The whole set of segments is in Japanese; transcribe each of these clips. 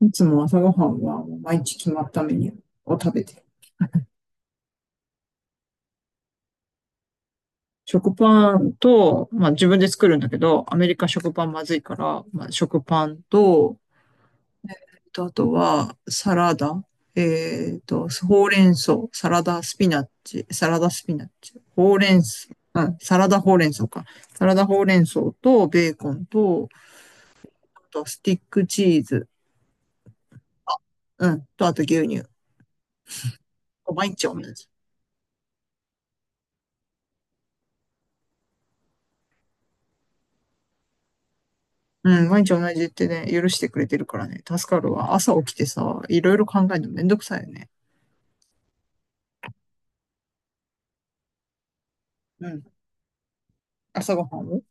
いつも朝ごはんは毎日決まったメニューを食べてる。食パンと、まあ自分で作るんだけど、アメリカ食パンまずいから、まあ食パンと、あとはサラダ、ほうれん草、サラダスピナッチ、サラダスピナッチ、ほうれん草、うん、サラダほうれん草か。サラダほうれん草とベーコンと、あとスティックチーズ、うん、とあと牛乳。毎日同じ。うん、毎日同じってね、許してくれてるからね、助かるわ。朝起きてさ、いろいろ考えるのめんどくさいよね。うん。朝ごはんを。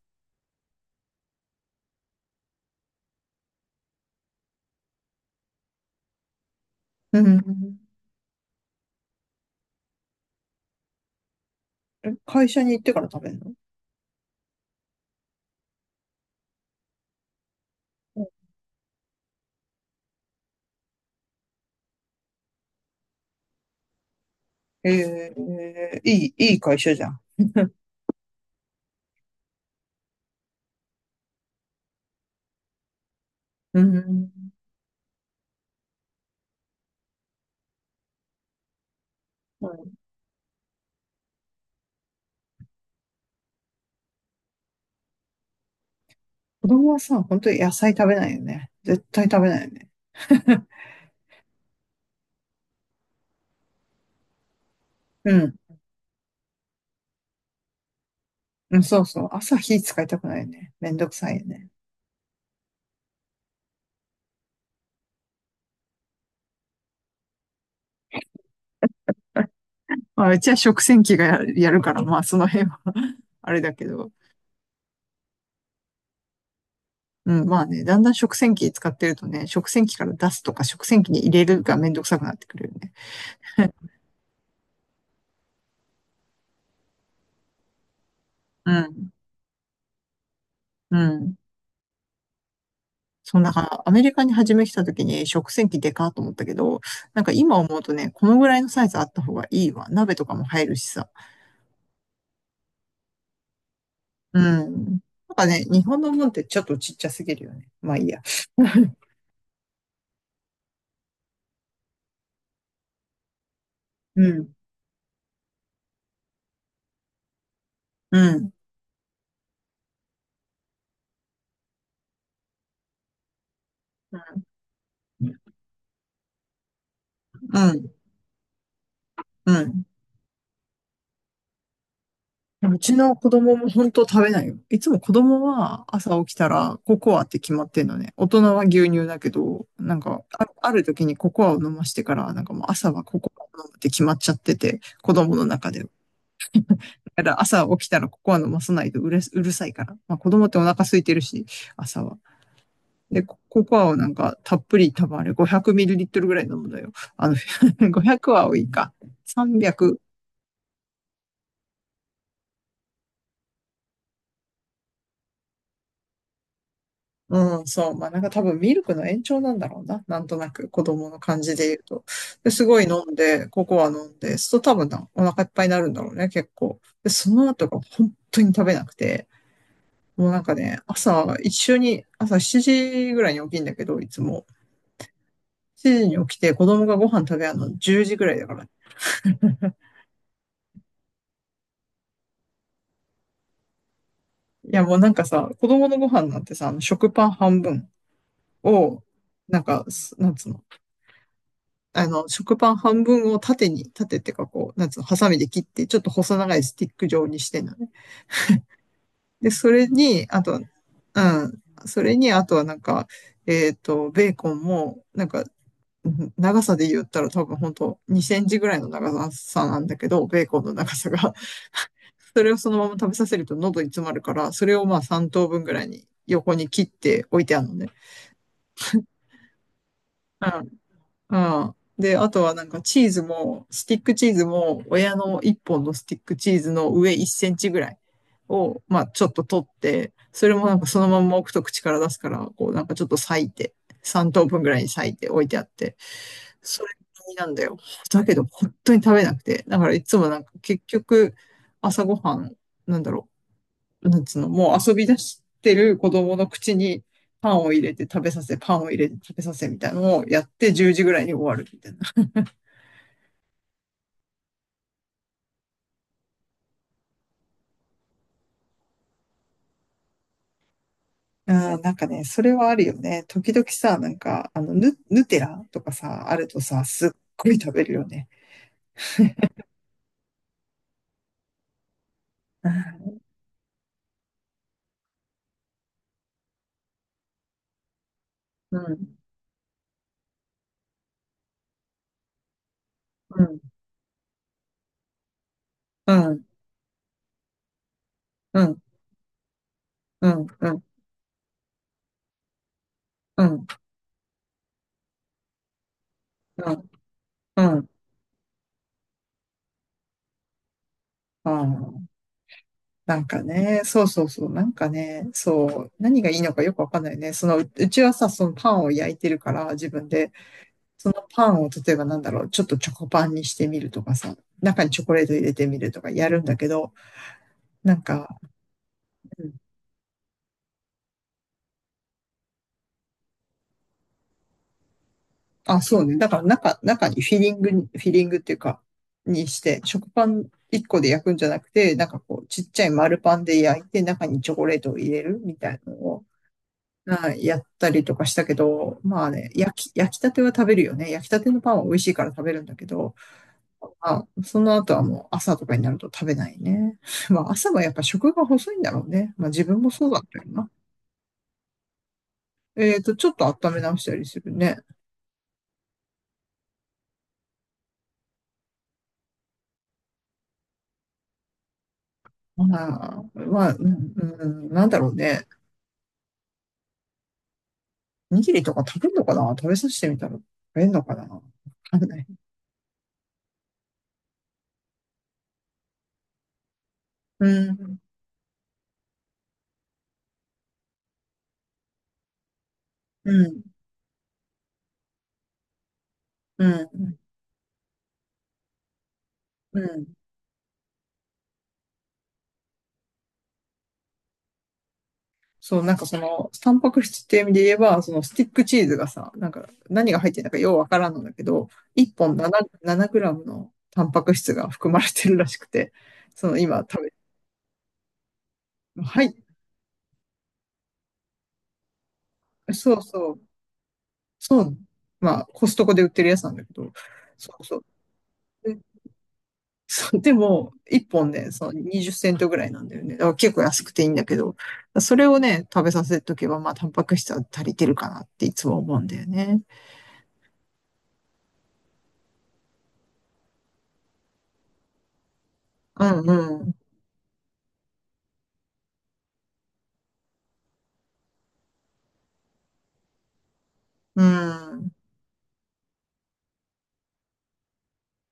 うん。会社に行ってから食べるの？ええ、いい会社じゃん。うん。うん。子供はさ、本当に野菜食べないよね。絶対食べないよね。うん。うん、そうそう。朝火使いたくないよね。めんどくさいよね。まあ、うちは食洗機がやるから、まあ、その辺は あれだけど。うん、まあね、だんだん食洗機使ってるとね、食洗機から出すとか食洗機に入れるがめんどくさくなってくるよね。うん。うん。そう、だからアメリカに初め来た時に食洗機でかーと思ったけど、なんか今思うとね、このぐらいのサイズあった方がいいわ。鍋とかも入るしさ。うん。なんかね、日本のもんってちょっとちっちゃすぎるよね。まあいいや。うん。うん。うん。うん。うん。うちの子供も本当食べないよ。いつも子供は朝起きたらココアって決まってんのね。大人は牛乳だけど、なんか、ある時にココアを飲ましてから、なんかもう朝はココアを飲むって決まっちゃってて、子供の中で。だから朝起きたらココア飲まさないとうるさいから。まあ子供ってお腹空いてるし、朝は。で、ココアをなんかたっぷり多分あれ 500ml ぐらい飲むのよ。500は多いか。300。うん、そう。まあなんか多分ミルクの延長なんだろうな。なんとなく子供の感じで言うと。ですごい飲んで、ココア飲んで、そうすると多分なお腹いっぱいになるんだろうね、結構。で、その後が本当に食べなくて、もうなんかね、朝、一緒に、朝7時ぐらいに起きんだけど、いつも。7時に起きて子供がご飯食べるの10時ぐらいだから。いやもうなんかさ、子供のご飯なんてさ、あの食パン半分を、なんか、なんつうの、あの、食パン半分を縦に、縦ってかこう、なんつうの、ハサミで切って、ちょっと細長いスティック状にしてんのね。で、それに、あとは、うん、それに、あとはなんか、ベーコンも、なんか、長さで言ったら多分本当にセンチぐらいの長さなんだけど、ベーコンの長さが。それをそのまま食べさせると喉に詰まるから、それをまあ3等分ぐらいに横に切って置いてあるのね。うん。うん。で、あとはなんかチーズも、スティックチーズも、親の1本のスティックチーズの上1センチぐらいを、まあちょっと取って、それもなんかそのまんま置くと口から出すから、こうなんかちょっと裂いて、3等分ぐらいに裂いて置いてあって、それなんだよ。だけど本当に食べなくて。だからいつもなんか結局朝ごはん、なんだろう、なんつうの、もう遊び出してる子供の口にパンを入れて食べさせ、パンを入れて食べさせみたいなのをやって10時ぐらいに終わるみたいな。あー、なんかね、それはあるよね。時々さ、なんか、あの、ヌテラとかさ、あるとさ、すっごい食べるよね。うん、うん、うん、うん、うん、うん、うん、うん、うん。あー、なんかね、そうそうそう、なんかね、そう、何がいいのかよくわかんないね。その、うちはさ、そのパンを焼いてるから、自分で。そのパンを例えばなんだろう、ちょっとチョコパンにしてみるとかさ、中にチョコレート入れてみるとかやるんだけど、なんか、うん、あ、そうね。だから中にフィリングに、フィリングっていうか、にして、食パン1個で焼くんじゃなくて、なんかこう、ちっちゃい丸パンで焼いて、中にチョコレートを入れるみたいなのを、はい、やったりとかしたけど、まあね、焼きたては食べるよね。焼きたてのパンは美味しいから食べるんだけど、あ、その後はもう朝とかになると食べないね。まあ朝はやっぱ食が細いんだろうね。まあ自分もそうだったよな。ちょっと温め直したりするね。ままあ、うん、うん、なんだろうね。おにぎりとか食べるのかな、食べさせてみたら食べるのかな、わかんない。うん、うん、うん、うん。そう、なんかその、タンパク質っていう意味で言えば、そのスティックチーズがさ、なんか何が入ってるのかようわからんのだけど、1本7グラムのタンパク質が含まれてるらしくて、その今食べ、はい、そうそう、そう、まあコストコで売ってるやつなんだけど、そうそう。で、そうでも、1本ね、その20セントぐらいなんだよね。だから結構安くていいんだけど、それをね、食べさせとけば、まあタンパク質は足りてるかなっていつも思うんだよね。うん、うん。うん。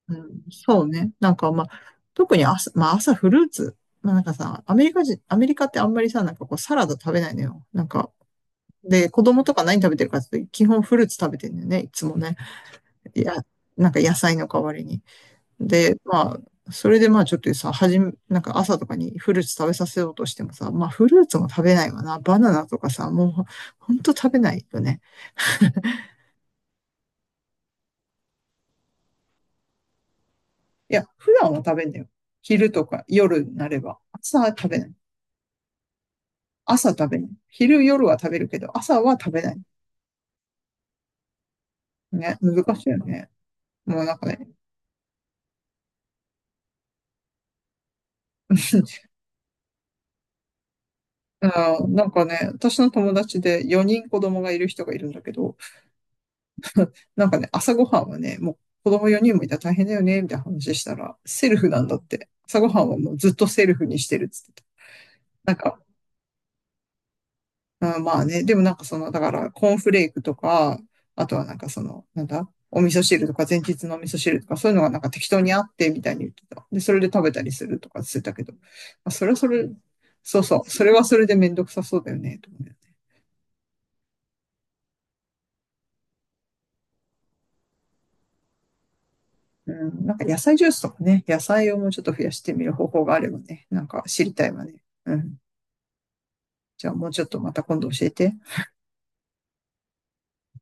うん、そうね。なんかまあ、特に朝、まあ朝フルーツ。まあなんかさ、アメリカ人、アメリカってあんまりさ、なんかこうサラダ食べないのよ。なんか、で、子供とか何食べてるかって言うと基本フルーツ食べてるんだよね、いつもね。いや、なんか野菜の代わりに。で、まあ、それでまあちょっとさ、はじめ、なんか朝とかにフルーツ食べさせようとしてもさ、まあフルーツも食べないわな。バナナとかさ、もうほんと食べないよね。いや、普段は食べんだよ。昼とか夜になれば。朝は食べない。朝食べない。昼、夜は食べるけど、朝は食べない。ね、難しいよね。もうなんかね、なんかね、私の友達で4人子供がいる人がいるんだけど、なんかね、朝ごはんはね、もう子供4人もいたら大変だよね、みたいな話したら、セルフなんだって。朝ごはんはもうずっとセルフにしてるっつってた。なんか、あ、まあね、でもなんかその、だからコーンフレークとか、あとはなんかその、なんだ、お味噌汁とか前日のお味噌汁とかそういうのがなんか適当にあってみたいに言ってた。で、それで食べたりするとかしてたけど、まあ、それはそれ、そうそう、それはそれでめんどくさそうだよね、と思うよね。うん、なんか野菜ジュースとかね、野菜をもうちょっと増やしてみる方法があればね、なんか知りたいわね。うん。じゃあもうちょっとまた今度教えて。